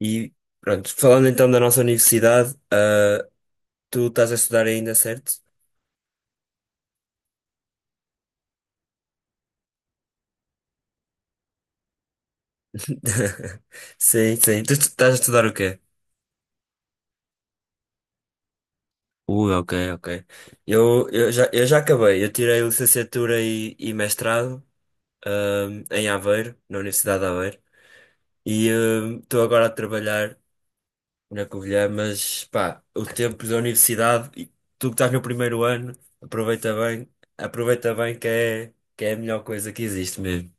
E pronto, falando então da nossa universidade, tu estás a estudar ainda, certo? Sim, sim. Tu estás a estudar o quê? Ui, ok, ok. Eu já acabei. Eu tirei licenciatura e mestrado, em Aveiro, na Universidade de Aveiro. E estou agora a trabalhar na Covilhã, mas pá, o tempo da universidade, e tu que estás no primeiro ano, aproveita bem, aproveita bem que é a melhor coisa que existe mesmo.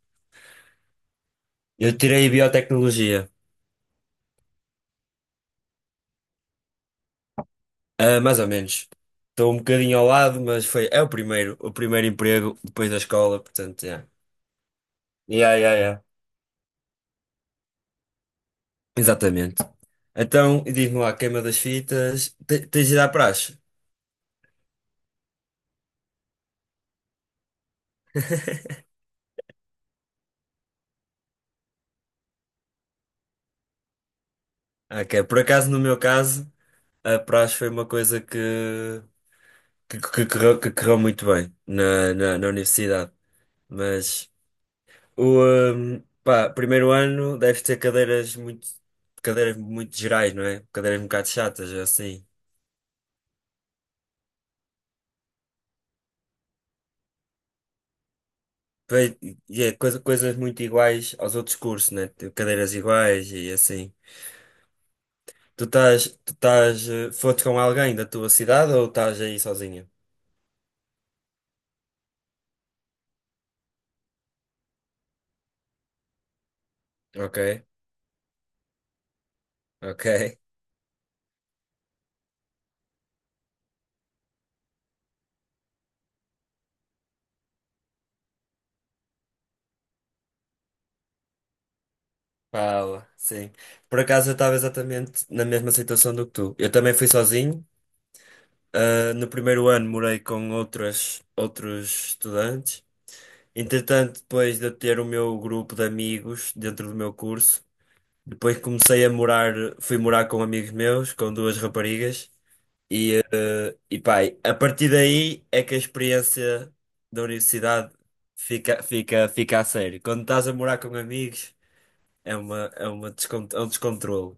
Eu tirei biotecnologia. Ah, mais ou menos. Estou um bocadinho ao lado, mas foi, é o primeiro emprego depois da escola, portanto, é. Yeah, yeah, yeah. Exatamente. Então, e diz-me lá, queima das fitas, tens ido à praxe? Ah, ok. Por acaso, no meu caso, a praxe foi uma coisa que correu muito bem na universidade. Mas, o, primeiro ano deve ter cadeiras muito gerais, não é? Cadeiras um bocado chatas, assim. Pois, e é coisas muito iguais aos outros cursos, né? Tipo, cadeiras iguais e assim. Foste com alguém da tua cidade ou estás aí sozinha? Ok, ok. Fala, sim. Por acaso eu estava exatamente na mesma situação do que tu. Eu também fui sozinho. Ah, no primeiro ano morei com outros estudantes. Entretanto, depois de eu ter o meu grupo de amigos dentro do meu curso, depois comecei a morar, fui morar com amigos meus, com duas raparigas. E, e pá, a partir daí é que a experiência da universidade fica a sério. Quando estás a morar com amigos, é uma é um descontrole.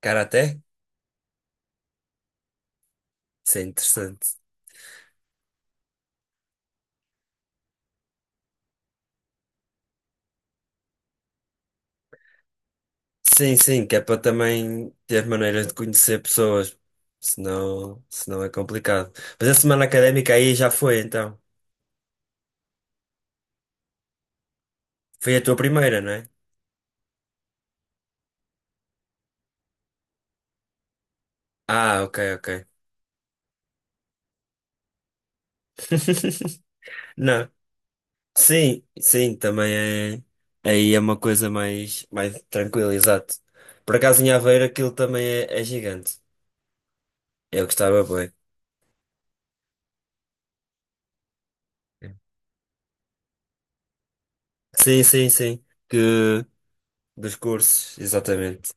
Cara, até? Isso é interessante. Sim, sim, que é para também ter maneiras de conhecer pessoas. Senão, senão é complicado. Mas a semana académica aí já foi, então. Foi a tua primeira, não é? Ah, ok, ok. Não. Sim, sim, também é. Aí é uma coisa mais, mais tranquila, exato. Por acaso em Aveiro aquilo também é, é gigante. Eu gostava bem. Sim, sim, sim. Que, dos cursos, exatamente.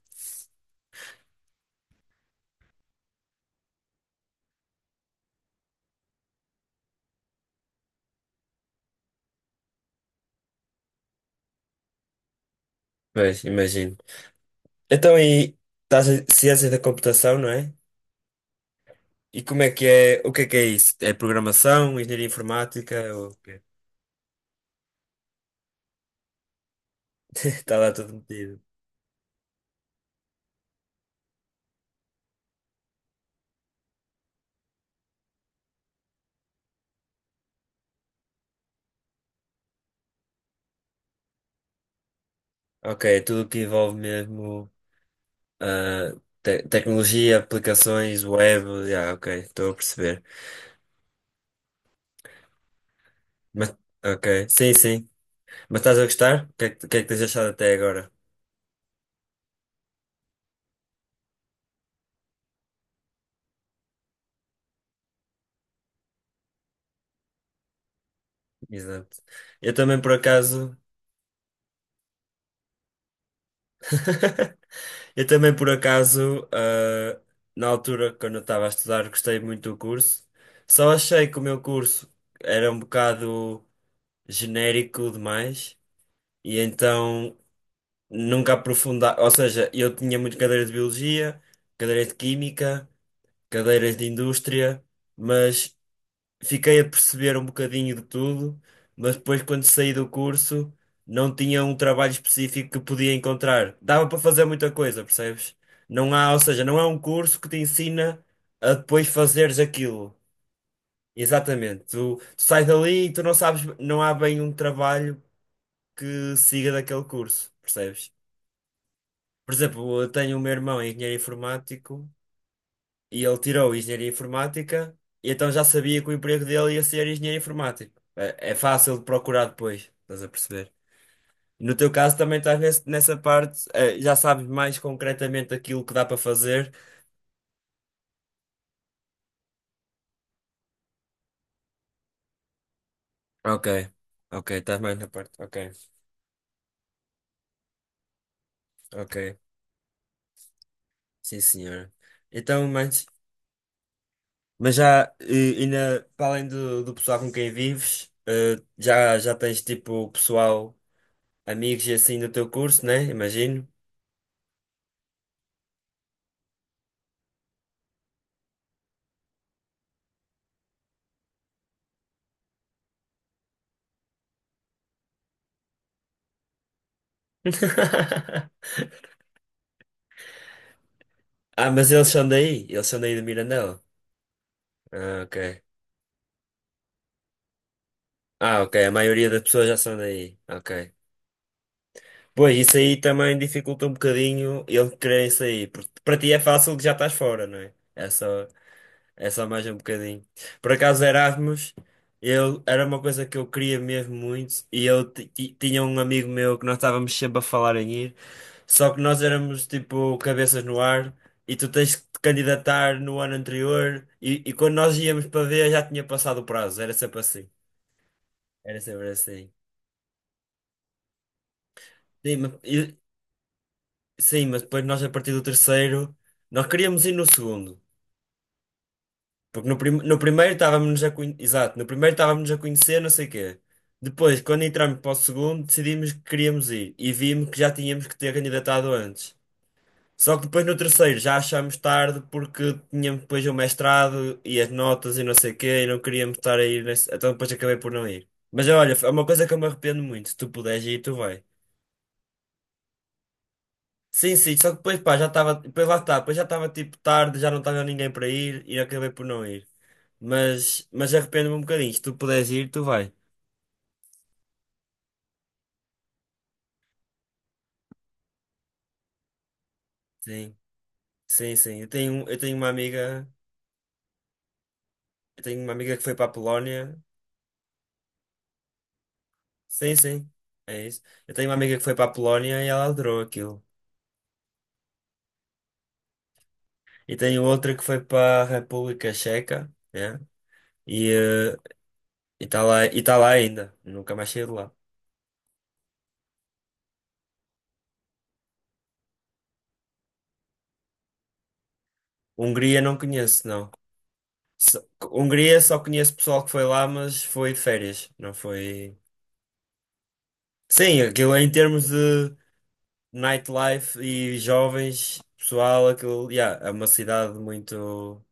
Pois, imagino. Então, e estás em ciência da computação, não é? E como é que é? O que é isso? É programação, engenharia informática? Ou o quê? Está lá tudo metido. Ok, tudo que envolve mesmo. Ah, tecnologia, aplicações, web, ok, estou a perceber. Mas, ok, sim, sim. Mas estás a gostar? O que é que tens achado até agora? Exato. Eu também por acaso, eu também por acaso, na altura quando eu estava a estudar, gostei muito do curso. Só achei que o meu curso era um bocado genérico demais e então nunca aprofundar, ou seja, eu tinha muito cadeira de biologia, cadeira de química, cadeiras de indústria, mas fiquei a perceber um bocadinho de tudo, mas depois quando saí do curso não tinha um trabalho específico que podia encontrar. Dava para fazer muita coisa, percebes? Não há, ou seja, não é um curso que te ensina a depois fazeres aquilo. Exatamente. Tu sais dali e tu não sabes, não há bem um trabalho que siga daquele curso, percebes? Por exemplo, eu tenho o meu irmão, é engenheiro informático. E ele tirou engenharia informática, e então já sabia que o emprego dele ia ser engenheiro informático. É, é fácil de procurar depois, estás a perceber? E no teu caso também estás nessa parte, já sabes mais concretamente aquilo que dá para fazer. Ok, ok, estás mais na parte. Ok, ok, sim senhora. Então, mas já, ainda, para além do pessoal com quem vives, já tens tipo pessoal, amigos e assim do teu curso, né? Imagino. Ah, mas eles são daí? Eles são daí de Mirandela? Ah, ok. Ah, ok. A maioria das pessoas já são daí. Ok. Pois, isso aí também dificulta um bocadinho eles quererem sair. Porque para ti é fácil que já estás fora, não é? É só. É só mais um bocadinho. Por acaso, Erasmus, eu, era uma coisa que eu queria mesmo muito. E eu tinha um amigo meu que nós estávamos sempre a falar em ir. Só que nós éramos tipo cabeças no ar. E tu tens que te candidatar no ano anterior. E quando nós íamos para ver, já tinha passado o prazo. Era sempre assim. Era sempre assim. Sim, mas, sim, mas depois nós, a partir do terceiro, nós queríamos ir no segundo. Porque no, no primeiro estávamos a conhecer. Exato, no primeiro estávamos a conhecer, não sei o quê. Depois, quando entramos para o segundo, decidimos que queríamos ir e vimos que já tínhamos que ter candidatado antes. Só que depois no terceiro já achámos tarde porque tínhamos depois o mestrado e as notas e não sei o quê e não queríamos estar a ir nesse... Então depois acabei por não ir. Mas olha, é uma coisa que eu me arrependo muito. Se tu puderes ir, tu vai. Sim, sim, só que depois pá, já estava. Depois lá está, depois já estava tipo tarde, já não estava ninguém para ir e acabei por não ir. Mas arrependo-me um bocadinho. Se tu puderes ir, tu vai. Sim, sim, sim. Eu tenho uma amiga, eu tenho uma amiga que foi para a Polónia. Sim, sim. É isso. Eu tenho uma amiga que foi para a Polónia e ela adorou aquilo. E tenho outra que foi para a República Checa, né? E e está lá, e tá lá ainda. Nunca mais saí de lá. Hungria não conheço, não. Só- Hungria só conheço pessoal que foi lá, mas foi de férias, não foi. Sim, aquilo em termos de nightlife e jovens, pessoal, aquilo, yeah, é uma cidade muito,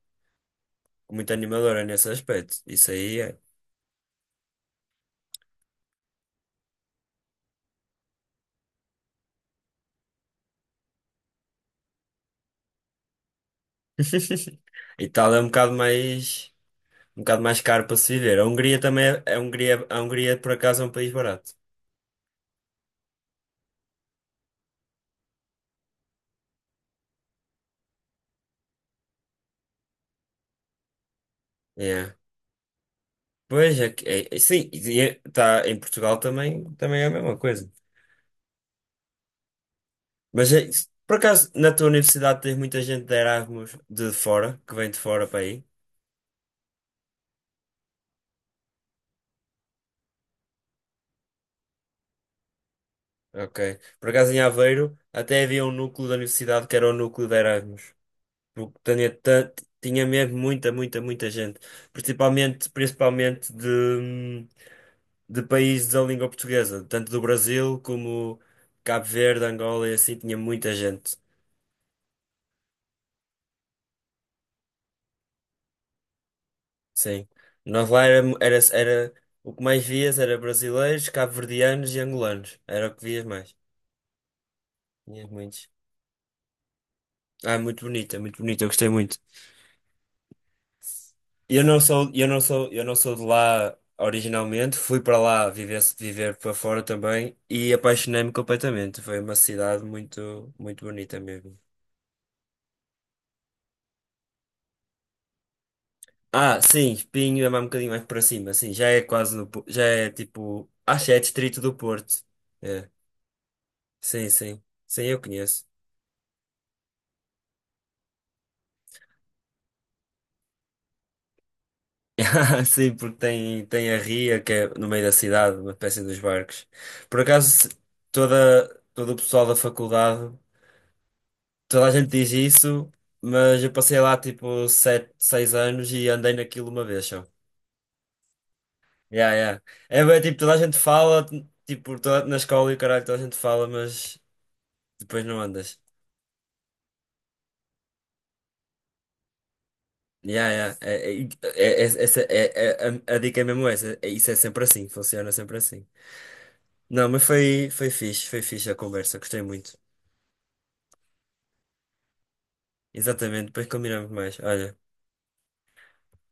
muito animadora nesse aspecto. Isso aí é. Itália é um bocado mais caro para se viver. A Hungria também é, a Hungria por acaso é um país barato. Yeah. Pois é, sim, e tá, em Portugal também, também é a mesma coisa. Mas por acaso na tua universidade tens muita gente de Erasmus de fora, que vem de fora para aí? Ok. Por acaso em Aveiro até havia um núcleo da universidade que era o núcleo de Erasmus. Porque tinha, tinha mesmo muita, muita, muita gente. Principalmente, principalmente de países da língua portuguesa. Tanto do Brasil como Cabo Verde, Angola e assim. Tinha muita gente. Sim. Nós lá o que mais vias era brasileiros, cabo-verdianos e angolanos. Era o que vias mais. Tinha muitos. Ah, muito bonito, é muito bonito. Eu gostei muito. Eu não sou de lá originalmente, fui para lá viver, viver para fora também e apaixonei-me completamente. Foi uma cidade muito, muito bonita mesmo. Ah, sim, Espinho é mais um bocadinho mais para cima, sim, já é quase no, já é tipo, acho que é distrito do Porto. É, sim, sim. Sim, eu conheço. Sim, porque tem, tem a ria que é no meio da cidade, uma espécie dos barcos. Por acaso, toda, todo o pessoal da faculdade. Toda a gente diz isso, mas eu passei lá tipo 7 6 anos e andei naquilo uma vez só. Yeah, yeah. É bem, tipo, toda a gente fala, tipo, toda, na escola e o caralho, toda a gente fala, mas depois não andas. Yeah, yeah. É, é, é- é- essa, é, é- é, a, A dica é mesmo essa. Isso é sempre assim, funciona sempre assim. Não, mas foi, foi fixe a conversa, gostei muito. Exatamente, depois combinamos mais. Olha.